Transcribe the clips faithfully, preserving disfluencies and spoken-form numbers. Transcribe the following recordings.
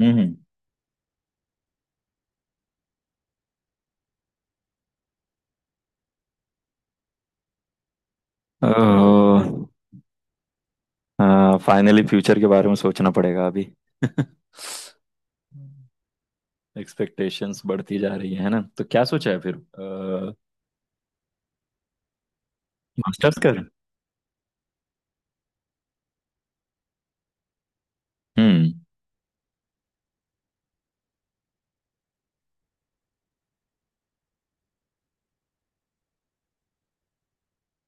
हम्म। Finally future के बारे में सोचना पड़ेगा अभी। एक्सपेक्टेशंस बढ़ती जा रही है ना, तो क्या सोचा है फिर? मास्टर्स कर। हम्म।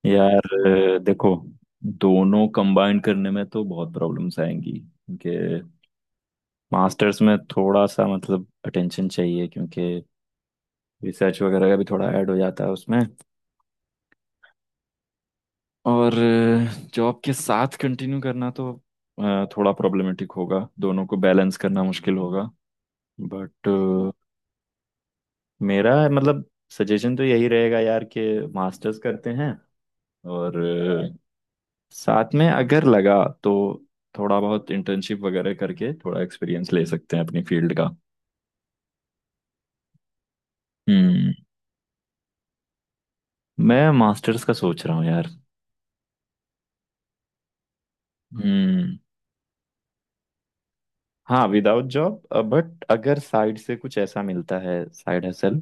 यार अ, देखो, दोनों कंबाइन करने में तो बहुत प्रॉब्लम्स आएंगी, क्योंकि मास्टर्स में थोड़ा सा मतलब अटेंशन चाहिए, क्योंकि रिसर्च वगैरह का भी थोड़ा ऐड हो जाता है उसमें। और जॉब के साथ कंटिन्यू करना तो अ, थोड़ा प्रॉब्लमेटिक होगा, दोनों को बैलेंस करना मुश्किल होगा। बट मेरा मतलब सजेशन तो यही रहेगा यार कि मास्टर्स करते हैं, और अ, साथ में अगर लगा तो थोड़ा बहुत इंटर्नशिप वगैरह करके थोड़ा एक्सपीरियंस ले सकते हैं अपनी फील्ड का। हम्म। मैं मास्टर्स का सोच रहा हूँ यार। हम्म। हाँ, विदाउट जॉब। बट अगर साइड से कुछ ऐसा मिलता है, साइड हसल,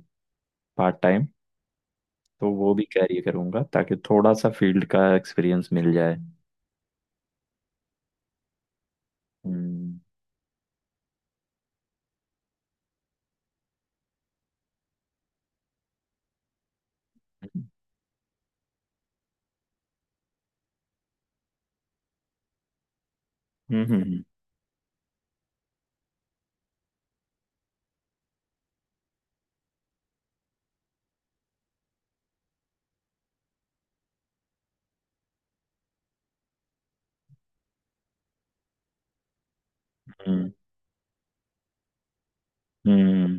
पार्ट टाइम, तो वो भी कैरी करूंगा, ताकि थोड़ा सा फील्ड का एक्सपीरियंस मिल जाए। हम्म हम्म। हम्म हम्म, हम्म।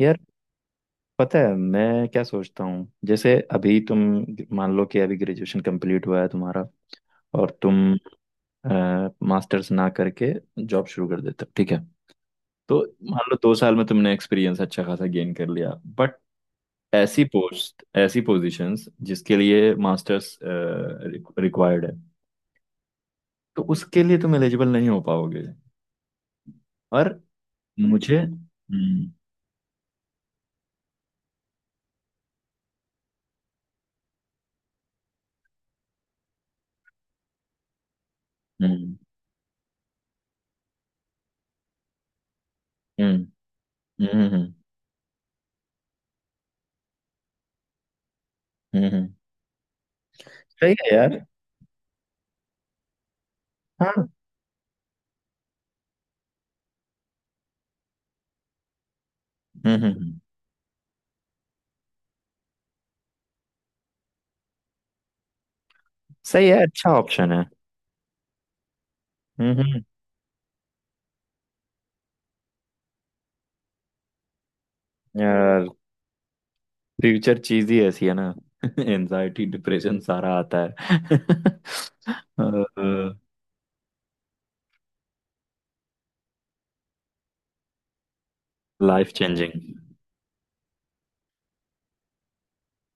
यार, पता है मैं क्या सोचता हूँ? जैसे अभी तुम, मान लो कि अभी ग्रेजुएशन कंप्लीट हुआ है तुम्हारा, और तुम मास्टर्स ना करके जॉब शुरू कर देते हो, ठीक है? तो मान लो दो साल में तुमने एक्सपीरियंस अच्छा खासा गेन कर लिया, बट ऐसी पोस्ट, ऐसी पोजीशंस जिसके लिए मास्टर्स रिक्वायर्ड है, तो उसके लिए तुम एलिजिबल नहीं हो पाओगे। और मुझे हम्म। हम्म हम्म हम्म, हम्म, हम्म, सही है यार। हाँ। हम्म हम्म, हम्म, सही है, अच्छा ऑप्शन है। हम्म हम्म, यार फ्यूचर चीज ही ऐसी है ना। एनजाइटी डिप्रेशन सारा आता है। Life changing.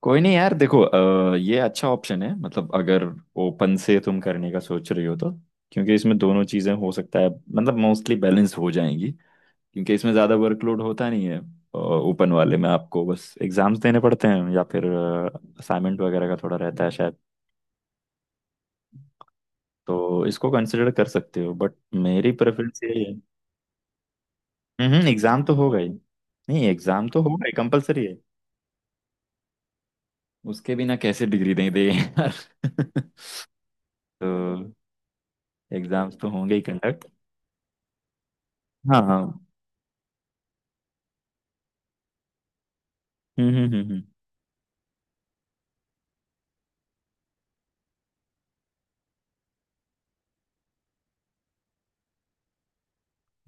कोई नहीं यार, देखो अ, ये अच्छा ऑप्शन है, मतलब अगर ओपन से तुम करने का सोच रही हो तो, क्योंकि इसमें दोनों चीजें हो सकता है मतलब मोस्टली बैलेंस हो जाएंगी, क्योंकि इसमें ज़्यादा वर्कलोड होता नहीं है। ओपन वाले में आपको बस एग्जाम्स देने पड़ते हैं, या फिर असाइनमेंट वगैरह का थोड़ा रहता है शायद। तो इसको कंसिडर कर सकते हो, बट मेरी प्रेफरेंस यही है। हम्म, एग्जाम तो होगा ही, नहीं एग्जाम तो होगा ही, कंपलसरी है। उसके बिना कैसे डिग्री दें दे यार। तो एग्जाम्स तो होंगे ही कंडक्ट। हाँ हाँ। हम्म हम्म हम्म हम्म।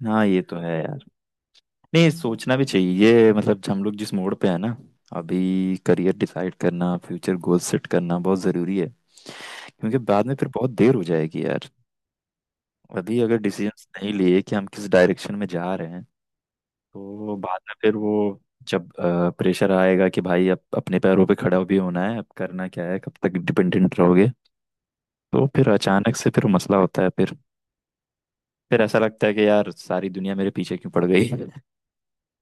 हाँ ये तो है यार। नहीं, सोचना भी चाहिए ये, मतलब हम लोग जिस मोड़ पे है ना, अभी करियर डिसाइड करना, फ्यूचर गोल सेट करना बहुत ज़रूरी है, क्योंकि बाद में फिर बहुत देर हो जाएगी यार। अभी अगर डिसीजंस नहीं लिए कि हम किस डायरेक्शन में जा रहे हैं, तो बाद में फिर वो, जब प्रेशर आएगा कि भाई अब अपने पैरों पे खड़ा भी होना है, अब करना क्या है, कब तक डिपेंडेंट रहोगे, तो फिर अचानक से फिर मसला होता है फिर फिर ऐसा लगता है कि यार सारी दुनिया मेरे पीछे क्यों पड़ गई।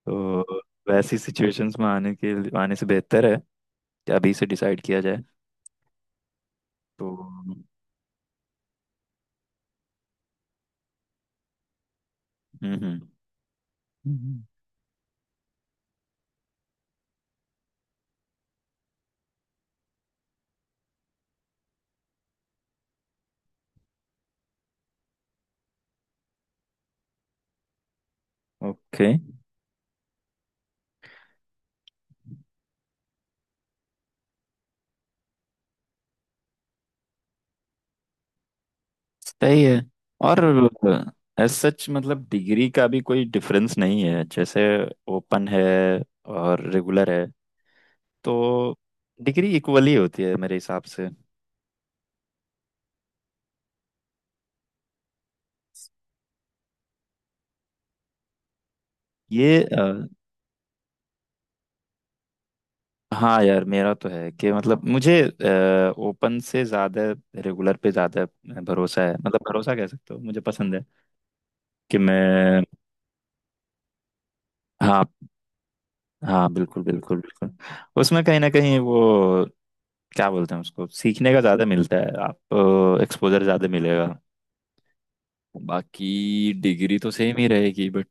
तो वैसी सिचुएशंस में आने के आने से बेहतर है अभी से डिसाइड किया जाए। तो हम्म। हम्म। ओके, सही है। और एज सच मतलब डिग्री का भी कोई डिफरेंस नहीं है, जैसे ओपन है और रेगुलर है, तो डिग्री इक्वली होती है मेरे हिसाब से। ये अ, हाँ यार, मेरा तो है कि मतलब मुझे ओपन से ज़्यादा रेगुलर पे ज़्यादा भरोसा है, मतलब भरोसा कह सकते हो, मुझे पसंद है कि मैं। हाँ, हाँ बिल्कुल बिल्कुल बिल्कुल। उसमें कहीं ना कहीं वो, क्या बोलते हैं उसको, सीखने का ज़्यादा मिलता है, आपको एक्सपोजर ज़्यादा मिलेगा। बाकी डिग्री तो सेम ही रहेगी, बट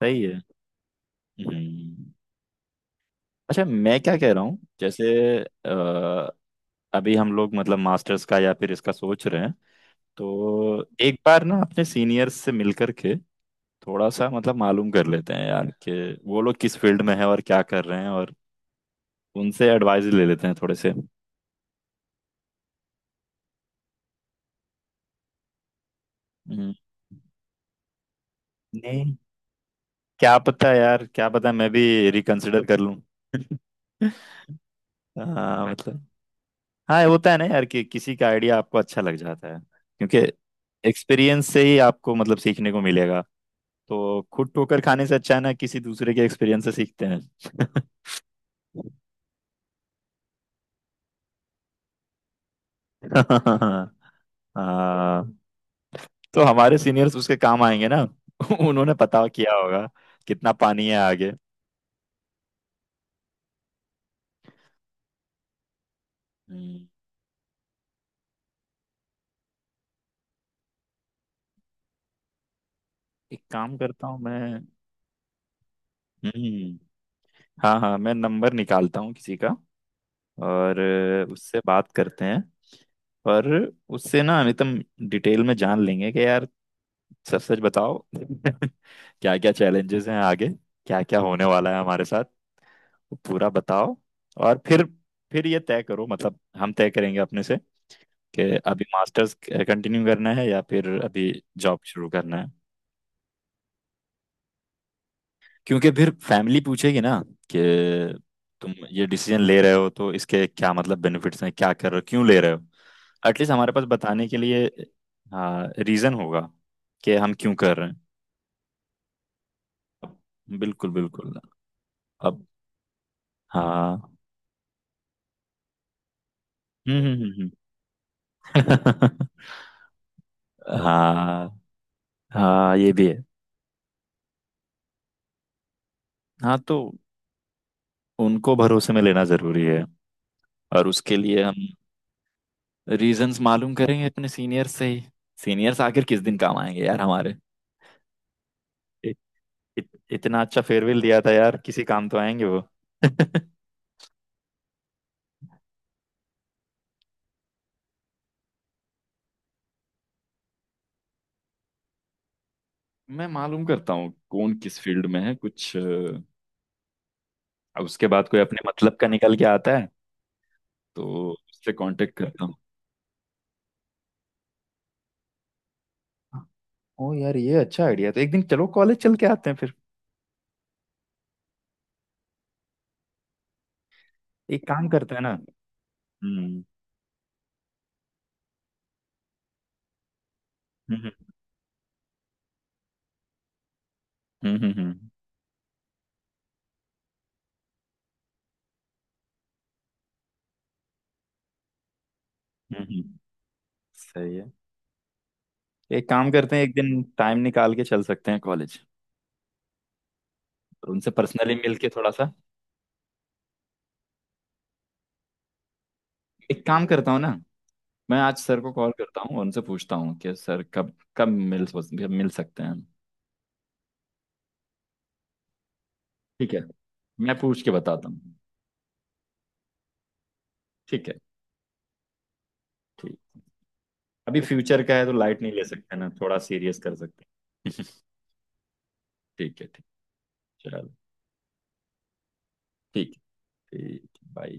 सही है। हम्म। अच्छा मैं क्या कह रहा हूँ, जैसे अ, अभी हम लोग मतलब मास्टर्स का या फिर इसका सोच रहे हैं, तो एक बार ना अपने सीनियर्स से मिल करके थोड़ा सा मतलब मालूम कर लेते हैं यार कि वो लोग किस फील्ड में है और क्या कर रहे हैं, और उनसे एडवाइस ले लेते हैं थोड़े से। हम्म। नहीं, क्या पता यार, क्या पता मैं भी रिकंसिडर कर लूं। हाँ मतलब, हाँ ये होता है ना यार कि किसी का आइडिया आपको अच्छा लग जाता है, क्योंकि एक्सपीरियंस से ही आपको मतलब सीखने को मिलेगा, तो खुद ठोकर खाने से अच्छा है ना, किसी दूसरे के एक्सपीरियंस से सीखते हैं। हाँ, तो हमारे सीनियर्स उसके काम आएंगे ना। उन्होंने पता किया होगा कितना पानी है आगे। हम्म, एक काम करता हूँ मैं। हम्म। हाँ हाँ, मैं नंबर निकालता हूँ किसी का, और उससे बात करते हैं, और उससे ना अमितम डिटेल में जान लेंगे कि यार, सच सच बताओ। क्या क्या चैलेंजेस हैं आगे, क्या क्या होने वाला है हमारे साथ, वो पूरा बताओ। और फिर फिर ये तय करो, मतलब हम तय करेंगे अपने से कि अभी मास्टर्स कंटिन्यू करना है, या फिर अभी जॉब शुरू करना है। क्योंकि फिर फैमिली पूछेगी ना कि तुम ये डिसीजन ले रहे हो तो इसके क्या मतलब बेनिफिट्स हैं, क्या कर रहे हो, क्यों ले रहे हो। एटलीस्ट हमारे पास बताने के लिए हाँ रीजन होगा कि हम क्यों कर रहे हैं। बिल्कुल बिल्कुल। अब हाँ। हम्म हम्म हम्म, हम्म। हाँ, हाँ ये भी है। हाँ, तो उनको भरोसे में लेना जरूरी है, और उसके लिए हम रीजंस मालूम करेंगे अपने सीनियर से ही। सीनियर्स आखिर किस दिन काम आएंगे यार हमारे। इत, इतना अच्छा फेयरवेल दिया था यार, किसी काम तो आएंगे वो। मैं मालूम करता हूँ कौन किस फील्ड में है कुछ अ, अब उसके बाद कोई अपने मतलब का निकल के आता है तो उससे कांटेक्ट करता हूँ। ओ यार ये अच्छा आइडिया, तो एक दिन चलो कॉलेज चल के आते हैं फिर। एक काम करते हैं ना। हम्म हम्म हम्म हम्म हम्म, हम्म, सही है। एक काम करते हैं, एक दिन टाइम निकाल के चल सकते हैं कॉलेज, और उनसे पर्सनली मिल के थोड़ा सा। एक काम करता हूँ ना, मैं आज सर को कॉल करता हूँ और उनसे पूछता हूँ कि सर कब कब मिल कब मिल सकते हैं। ठीक है, मैं पूछ के बताता हूँ। ठीक है, ठीक। अभी फ्यूचर का है तो लाइट नहीं ले सकते ना, थोड़ा सीरियस कर सकते हैं। ठीक है, ठीक, चलो। ठीक। ठीक, बाय।